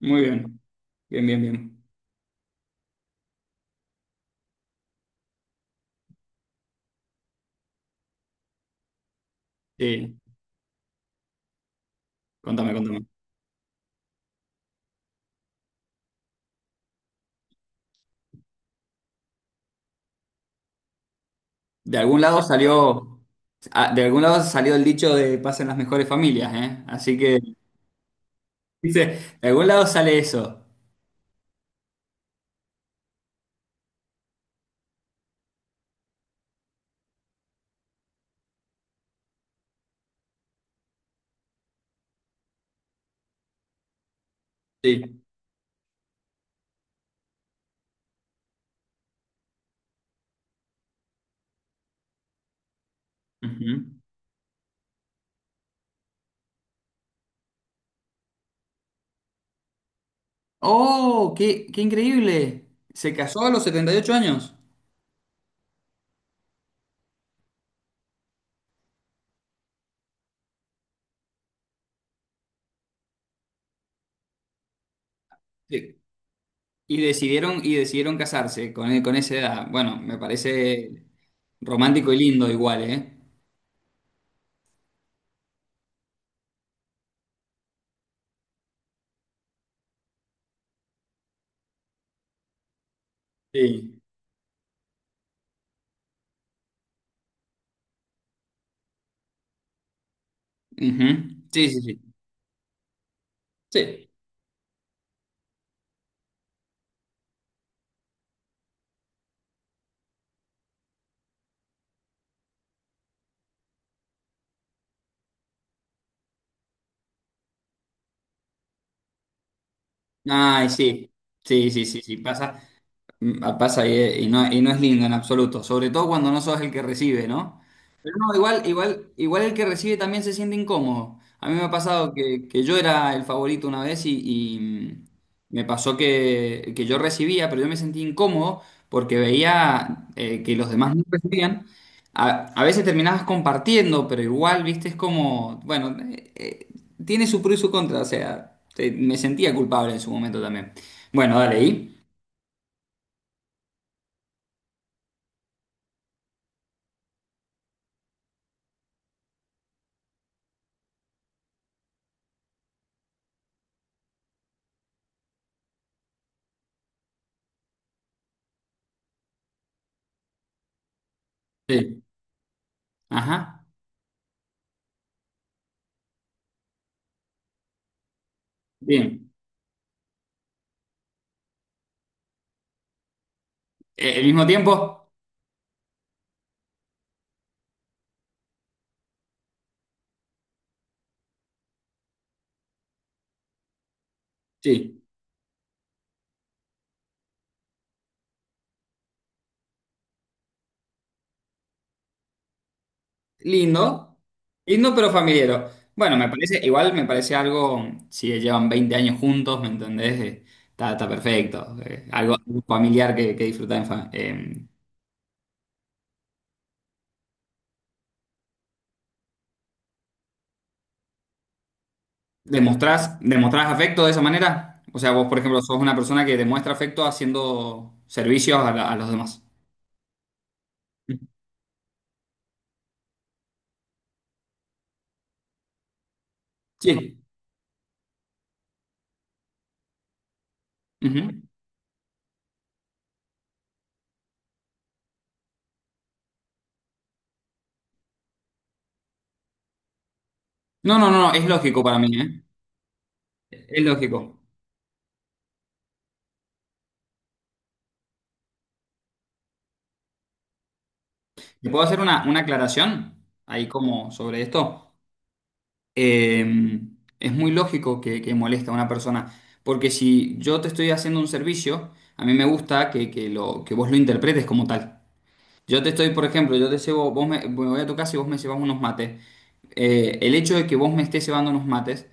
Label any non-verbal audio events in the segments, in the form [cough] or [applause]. Muy bien, bien, bien. Sí, contame. De algún lado salió, de algún lado salió el dicho de pasen las mejores familias, ¿eh? Así que, dice, de algún lado sale eso. Sí. Ujú. ¡Oh, qué, qué increíble! Se casó a los 78 años. Sí. Y decidieron casarse con, con esa edad. Bueno, me parece romántico y lindo igual, ¿eh? Sí. Ujú. Sí, sí, sí. Sí. Ay, sí. Sí, sí, sí, sí. Pasa. Mm, pasa y no es lindo en absoluto, sobre todo cuando no sos el que recibe, ¿no? Pero no, igual, igual, igual el que recibe también se siente incómodo. A mí me ha pasado que yo era el favorito una vez y, me pasó que yo recibía, pero yo me sentí incómodo porque veía que los demás no recibían. A veces terminabas compartiendo, pero igual, viste, es como, bueno, tiene su pro y su contra, o sea, me sentía culpable en su momento también. Bueno, dale, ¿y? Sí. Ajá, bien. ¿El mismo tiempo? Sí. Lindo, lindo pero familiar. Bueno, me parece, igual me parece algo, si llevan 20 años juntos, ¿me entendés? Está, está perfecto. Algo algo familiar que disfrutás en ¿demostrás, demostrás afecto de esa manera? O sea, vos, por ejemplo, sos una persona que demuestra afecto haciendo servicios a, a los demás. Sí. Ujú. No, no, no, es lógico para mí, ¿eh? Es lógico. ¿Te puedo hacer una aclaración ahí como sobre esto? Eh, es muy lógico que moleste a una persona, porque si yo te estoy haciendo un servicio, a mí me gusta que lo, que vos lo interpretes como tal. Yo te estoy, por ejemplo, yo te llevo, vos me, me voy a tu casa y vos me llevas unos mates. El hecho de que vos me estés llevando unos mates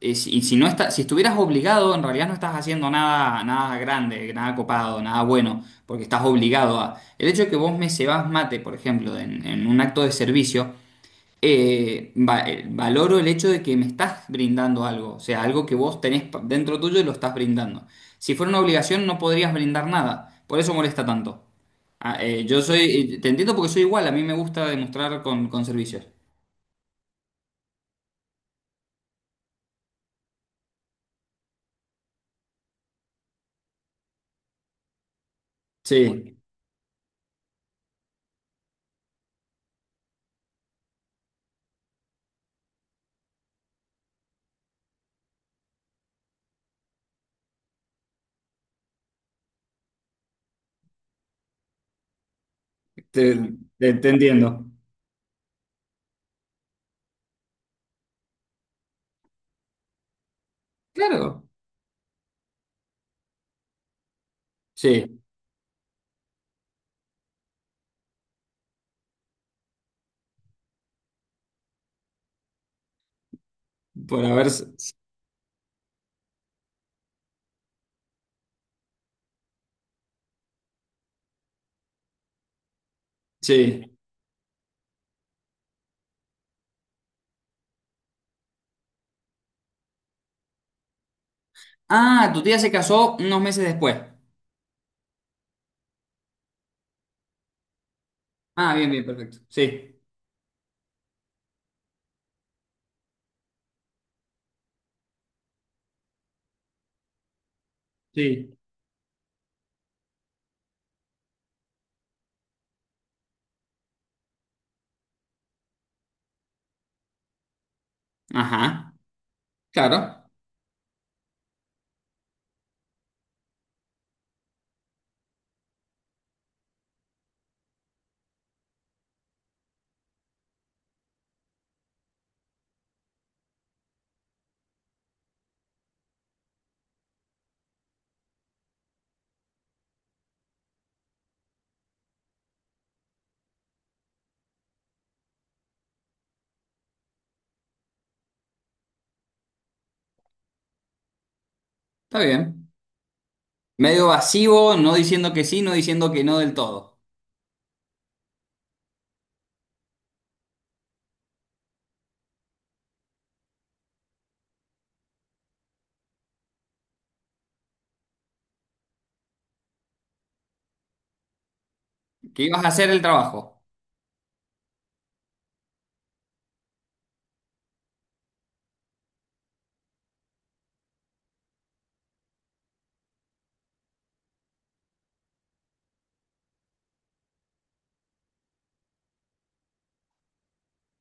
y si no está, si estuvieras obligado, en realidad no estás haciendo nada, nada grande, nada copado, nada bueno, porque estás obligado a. El hecho de que vos me cebás mate, por ejemplo, en un acto de servicio, valoro el hecho de que me estás brindando algo, o sea, algo que vos tenés dentro tuyo y lo estás brindando. Si fuera una obligación, no podrías brindar nada, por eso molesta tanto. Ah, yo soy, te entiendo porque soy igual, a mí me gusta demostrar con servicios. Sí, te, te entiendo. Claro, sí. Por haber... Sí. Ah, tu tía se casó unos meses después. Ah, bien, bien, perfecto. Sí, sí. Ajá. Claro, está bien. Medio vacío, no diciendo que sí, no diciendo que no del todo. Que ibas a hacer el trabajo.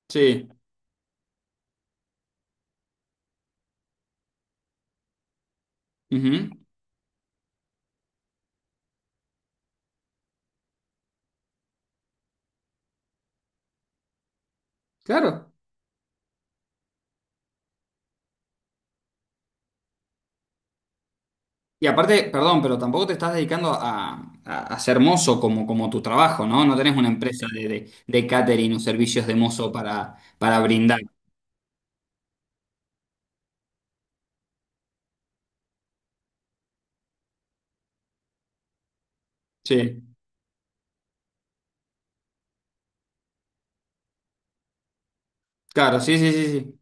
Sí. Ujú. Claro. Y aparte, perdón, pero tampoco te estás dedicando a, a ser mozo como, como tu trabajo, ¿no? No tenés una empresa de catering o servicios de mozo para brindar. Sí. Claro, sí, sí, sí,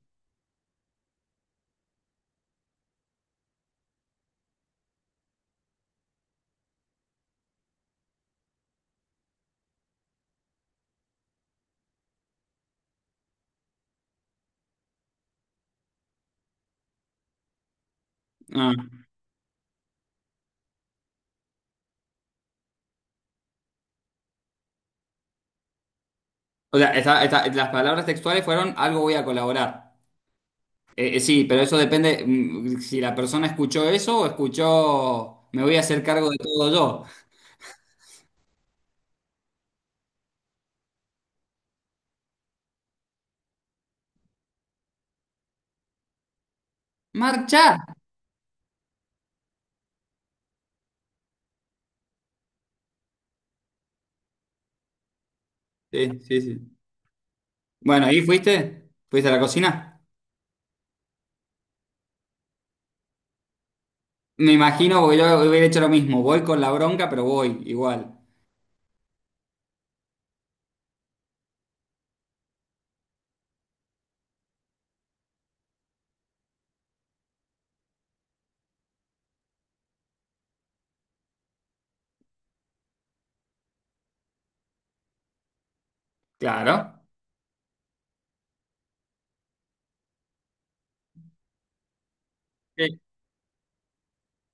sí. O sea, las palabras textuales fueron algo voy a colaborar. Sí, pero eso depende mm, si la persona escuchó eso o escuchó me voy a hacer cargo de todo yo. ¡Marchar! Sí, sí, sí. Bueno, ¿y fuiste? ¿Fuiste a la cocina? Me imagino, porque yo hubiera hecho lo mismo. Voy con la bronca, pero voy igual. Claro. Sí.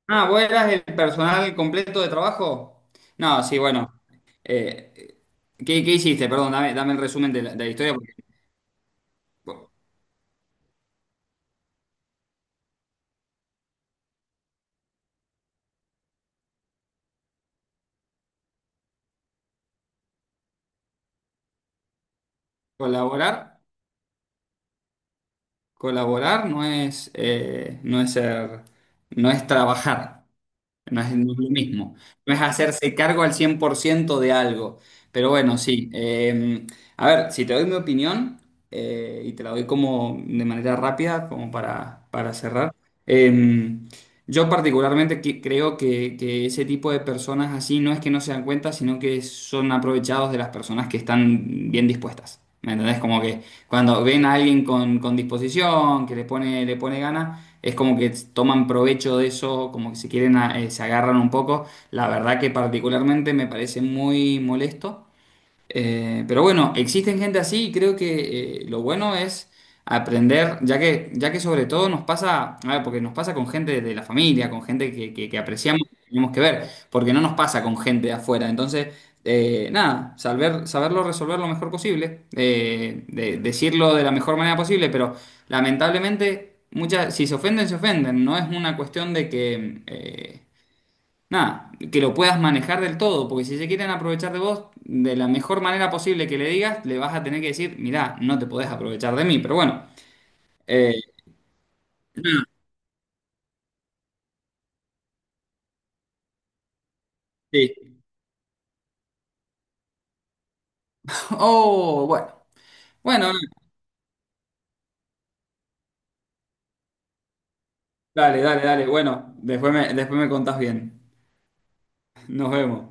Ah, ¿vos eras el personal completo de trabajo? No, sí, bueno. Eh, ¿Qué, qué hiciste? Perdón, dame, dame el resumen de la historia. Co- ¿Colaborar? Colaborar no es, no es ser, no es trabajar. No es, no es lo mismo. No es hacerse cargo al 100% de algo. Pero bueno, sí. A ver, si te doy mi opinión, y te la doy como de manera rápida, como para cerrar. eh, yo particularmente creo que ese tipo de personas así no es que no se dan cuenta, sino que son aprovechados de las personas que están bien dispuestas. ¿Me entendés? Como que cuando ven a alguien con disposición, que le pone ganas es como que toman provecho de eso, como que se quieren, se agarran un poco. La verdad que particularmente me parece muy molesto. Pero bueno, existen gente así y creo que lo bueno es aprender, ya que sobre todo nos pasa, a ver, porque nos pasa con gente de la familia, con gente que apreciamos, que tenemos que ver, porque no nos pasa con gente de afuera. Entonces, nada, saber, saberlo resolver lo mejor posible, decirlo de la mejor manera posible, pero lamentablemente, muchas, si se ofenden, se ofenden. No es una cuestión de que... nada, que lo puedas manejar del todo, porque si se quieren aprovechar de vos, de la mejor manera posible que le digas, le vas a tener que decir, mirá, no te podés aprovechar de mí, pero bueno. eh, sí. [laughs] Oh, bueno. Bueno, dale, dale, dale. Bueno, después me contás bien. Nos vemos.